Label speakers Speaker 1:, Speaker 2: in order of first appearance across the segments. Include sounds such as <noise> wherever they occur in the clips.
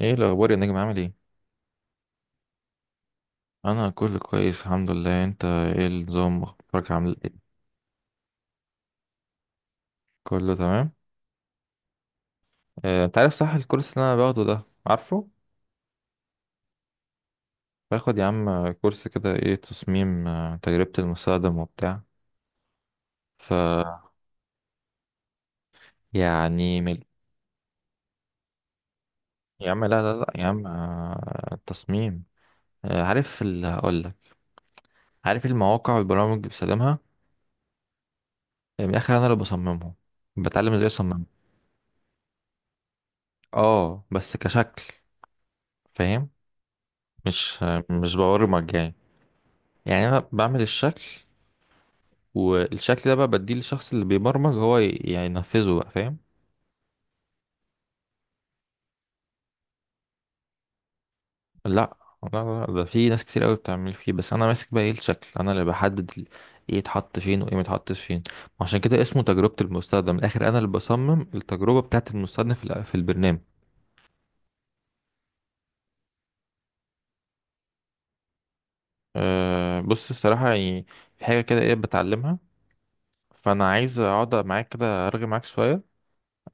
Speaker 1: ايه الاخبار يا نجم، عامل ايه؟ انا كله كويس الحمد لله. انت ايه النظام، اخبارك، عامل ايه؟ كله تمام. انت عارف، صح؟ الكورس اللي انا باخده ده، عارفه؟ باخد يا عم كورس كده، ايه، تصميم، تجربة المستخدم وبتاع. ف يعني. يا عم، لا لا لا، يا عم، تصميم. عارف اللي هقول لك. عارف المواقع والبرامج اللي بستخدمها. من الاخر انا اللي بصممهم. بتعلم ازاي اصمم. اه، بس كشكل. فاهم. مش ببرمج يعني. يعني انا بعمل الشكل، والشكل ده بقى بديه للشخص اللي بيبرمج، هو يعني ينفذه بقى، فاهم؟ لا لا لا لا، ده في ناس كتير قوي بتعمل فيه، بس انا ماسك بقى، ايه الشكل، انا اللي بحدد ايه يتحط فين وايه ما يتحطش فين. عشان كده اسمه تجربة المستخدم. من الاخر انا اللي بصمم التجربة بتاعة المستخدم في البرنامج. بص الصراحة يعني، في حاجة كده ايه بتعلمها، فانا عايز اقعد معاك كده ارغي معاك شوية.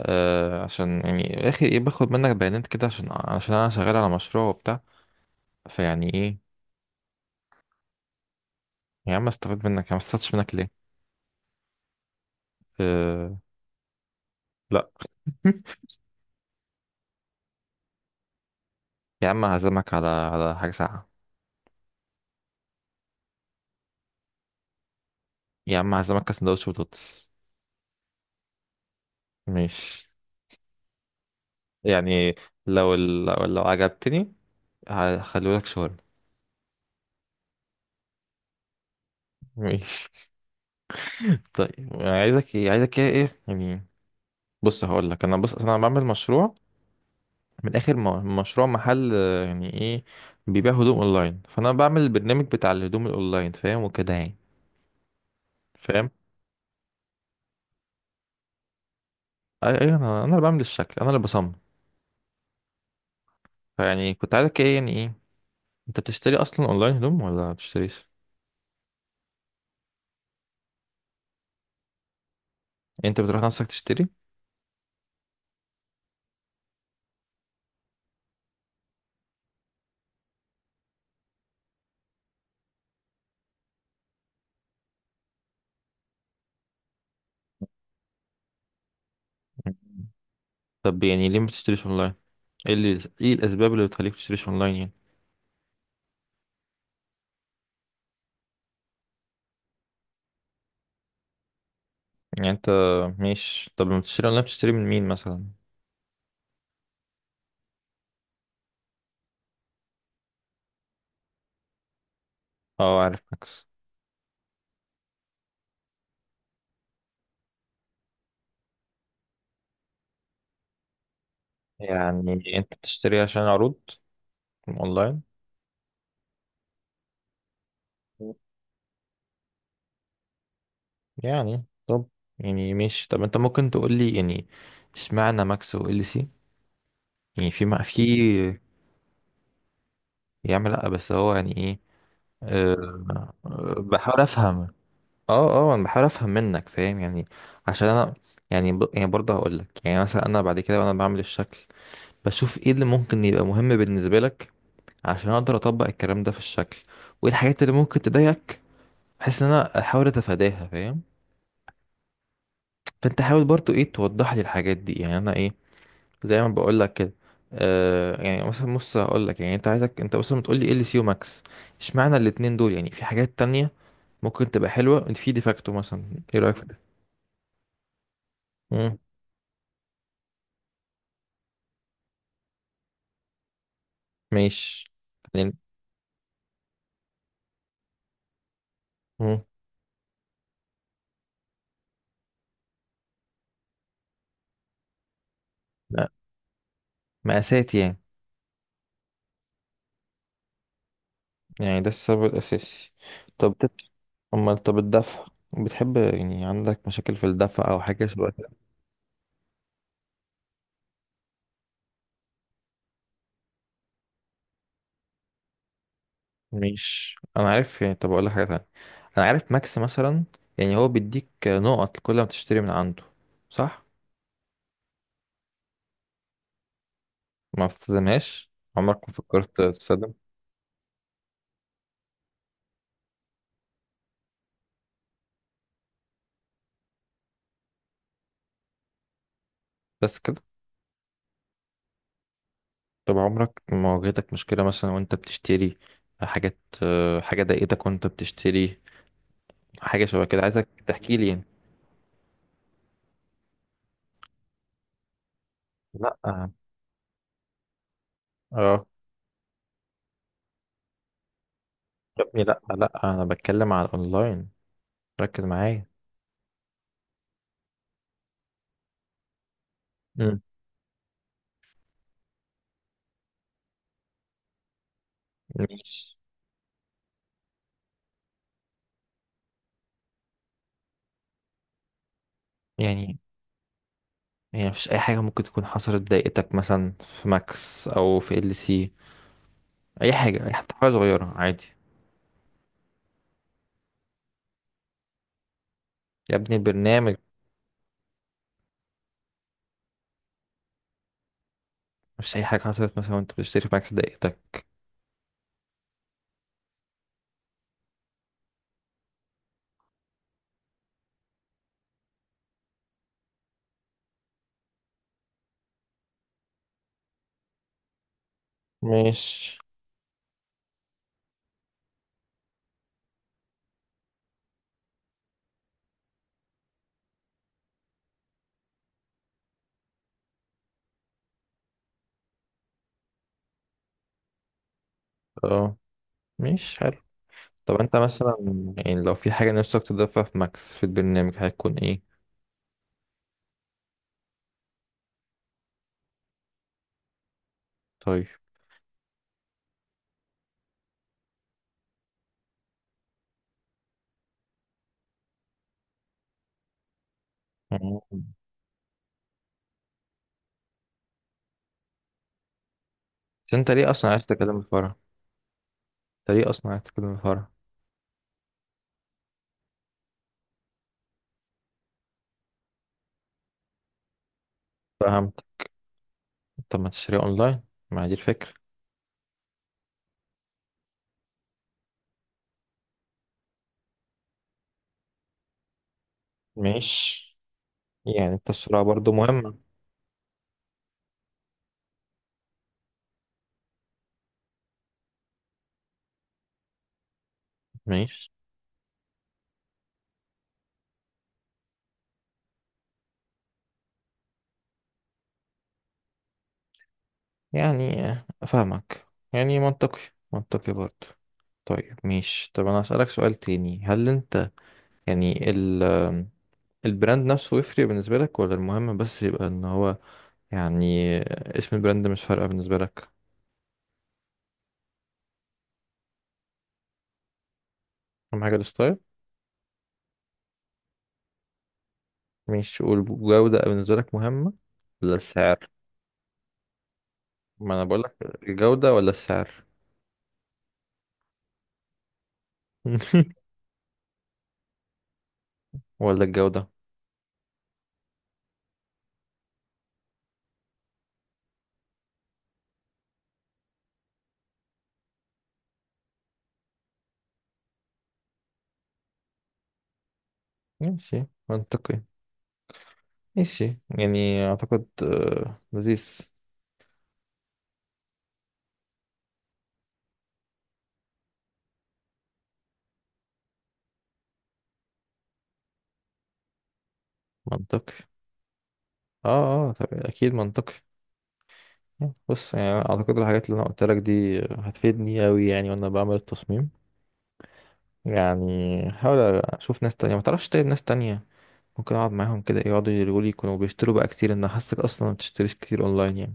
Speaker 1: عشان يعني يا اخي، ايه، باخد منك بيانات كده، عشان انا شغال على مشروع وبتاع، فيعني ايه؟ يا عم استفاد منك، يا عم، استفدتش منك ليه؟ أه... لا. <laughs> يا عم هعزمك على حاجة ساقعة. يا عم هعزمك على سندوتش بطاطس. مش يعني لو ال... لو لو عجبتني، هخليهولك شاورما. ماشي. <laughs> طيب، عايزك ايه، ايه يعني؟ بص هقول لك، انا بص انا بعمل مشروع، من اخر مشروع محل، يعني ايه، بيبيع هدوم اونلاين. فانا بعمل البرنامج بتاع الهدوم الاونلاين، فاهم وكده يعني. فاهم. اي، انا اللي بعمل الشكل، انا اللي بصمم. فيعني كنت عايزك ايه، يعني ايه، انت بتشتري اصلا اونلاين هدوم ولا ما بتشتريش؟ يعني انت بتروح نفسك تشتري. طب يعني ليه ما بتشتريش اونلاين؟ ايه الاسباب اللي بتخليك تشتريش اونلاين يعني؟ يعني انت، مش طب لما بتشتري اونلاين بتشتري من مين مثلا؟ اه، عارف ماكس. يعني انت بتشتري عشان عروض اونلاين يعني؟ طب، يعني مش طب انت ممكن تقول لي يعني، اشمعنى ماكس و ال سي؟ يعني في ما في. يا عم لا، بس هو يعني ايه، أه... آه، بحاول افهم. اه اه، انا بحاول افهم منك، فاهم يعني، عشان انا، يعني برضه هقول لك، يعني مثلا انا بعد كده وانا بعمل الشكل، بشوف ايه اللي ممكن يبقى مهم بالنسبه لك، عشان اقدر اطبق الكلام ده في الشكل، وايه الحاجات اللي ممكن تضايقك، بحيث ان انا احاول اتفاداها، فاهم؟ فانت حاول برضه، ايه، توضح لي الحاجات دي يعني، انا ايه، زي ما بقول لك كده. يعني مثلا، بص هقول لك، يعني انت عايزك، انت مثلا بتقول لي ال سي وماكس، اشمعنى الاتنين دول؟ يعني في حاجات تانية ممكن تبقى حلوه، في ديفاكتو مثلا، ايه رايك في ده؟ ماشي يعني. مم. لا، مقاسات يعني. يعني ده السبب الأساسي. طب بت- أمال طب الدفع، بتحب يعني عندك مشاكل في الدفع أو حاجة شبه كده؟ مش أنا عارف يعني. طب أقول لك حاجة تانية، أنا عارف ماكس مثلا، يعني هو بيديك نقط كل ما تشتري من عنده، صح؟ ما بتستخدمهاش؟ عمرك ما فكرت تستخدم؟ بس كده. طب عمرك ما واجهتك مشكلة مثلا وأنت بتشتري حاجات، حاجة ضايقتك وأنت بتشتري، حاجة شبه كده، عايزك تحكي لي يعني. لا. اه. يا ابني لا لا، انا بتكلم على الاونلاين، ركز معايا. امم. مش يعني، يعني مفيش اي حاجه ممكن تكون حصلت ضايقتك مثلا في ماكس او في ال سي، اي، حتى حاجه صغيره، عادي. يا ابني البرنامج، مش اي حاجه حصلت مثلا وانت بتشتري في ماكس ضايقتك؟ مش اه. مش حلو. طب انت مثلا، يعني لو في حاجه نفسك تضيفها في ماكس في البرنامج هتكون ايه؟ طيب. مم. بس انت ليه اصلا عايز تكلم الفرع؟ انت ليه اصلا عايز تكلم الفرع؟ فاهم. طب ما تشتريها اونلاين؟ ما دي الفكرة. ماشي. يعني التسرع برضو مهم. ماشي يعني، افهمك، يعني منطقي، منطقي برضو. طيب ماشي. طب انا هسألك سؤال تاني، هل انت يعني البراند نفسه يفرق بالنسبة لك، ولا المهم بس يبقى ان هو يعني اسم البراند مش فارقة بالنسبة لك؟ اهم حاجة الستايل؟ مش والجودة بالنسبة لك مهمة، ولا السعر؟ ما انا بقولك، الجودة ولا السعر؟ <laughs> ولا الجودة. ماشي منطقي. ماشي يعني اعتقد لذيذ. منطقي. اه اه، طب اكيد منطقي. بص يعني اعتقد الحاجات اللي انا قلت لك دي هتفيدني اوي يعني وانا بعمل التصميم. يعني هحاول اشوف ناس تانية، ما تعرفش طيب ناس تانية ممكن اقعد معاهم كده، يقعدوا يقولوا لي، يكونوا بيشتروا بقى كتير، ان حاسك اصلا ما بتشتريش كتير اونلاين يعني.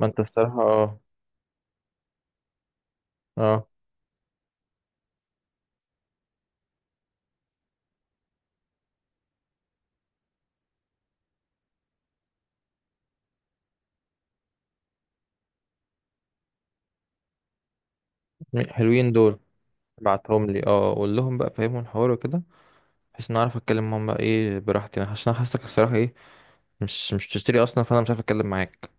Speaker 1: ما انت الصراحة اه. اه. حلوين دول، ابعتهم لي، اه قول لهم بقى، فهمهم الحوار وكده، بحيث ان اعرف اتكلم معاهم بقى، ايه براحتي انا، عشان أنا حاسك الصراحة، ايه، مش تشتري اصلا، فانا مش عارف اتكلم معاك.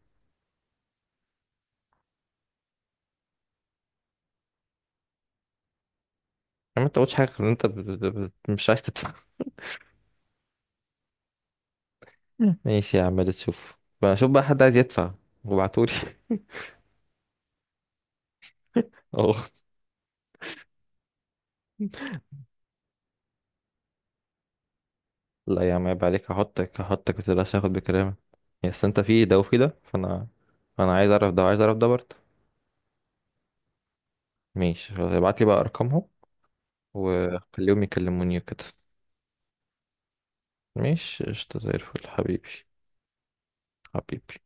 Speaker 1: ما انت قلتش حاجه غير ان انت مش عايز تدفع. مم. <laughs> ماشي يا عم، اللي تشوف، بشوف بقى حد عايز يدفع وابعتولي. <laughs> اه. لا يا عم عيب عليك، هحطك ما تقلقش، هاخد بكلامك. يا اصل انت في ده وفي ده، فانا انا عايز اعرف ده وعايز اعرف ده برضه. ماشي خلاص، ابعت لي بقى ارقامهم وخليهم يكلموني وكده. ماشي قشطة زي الفل حبيبي. حبيبي.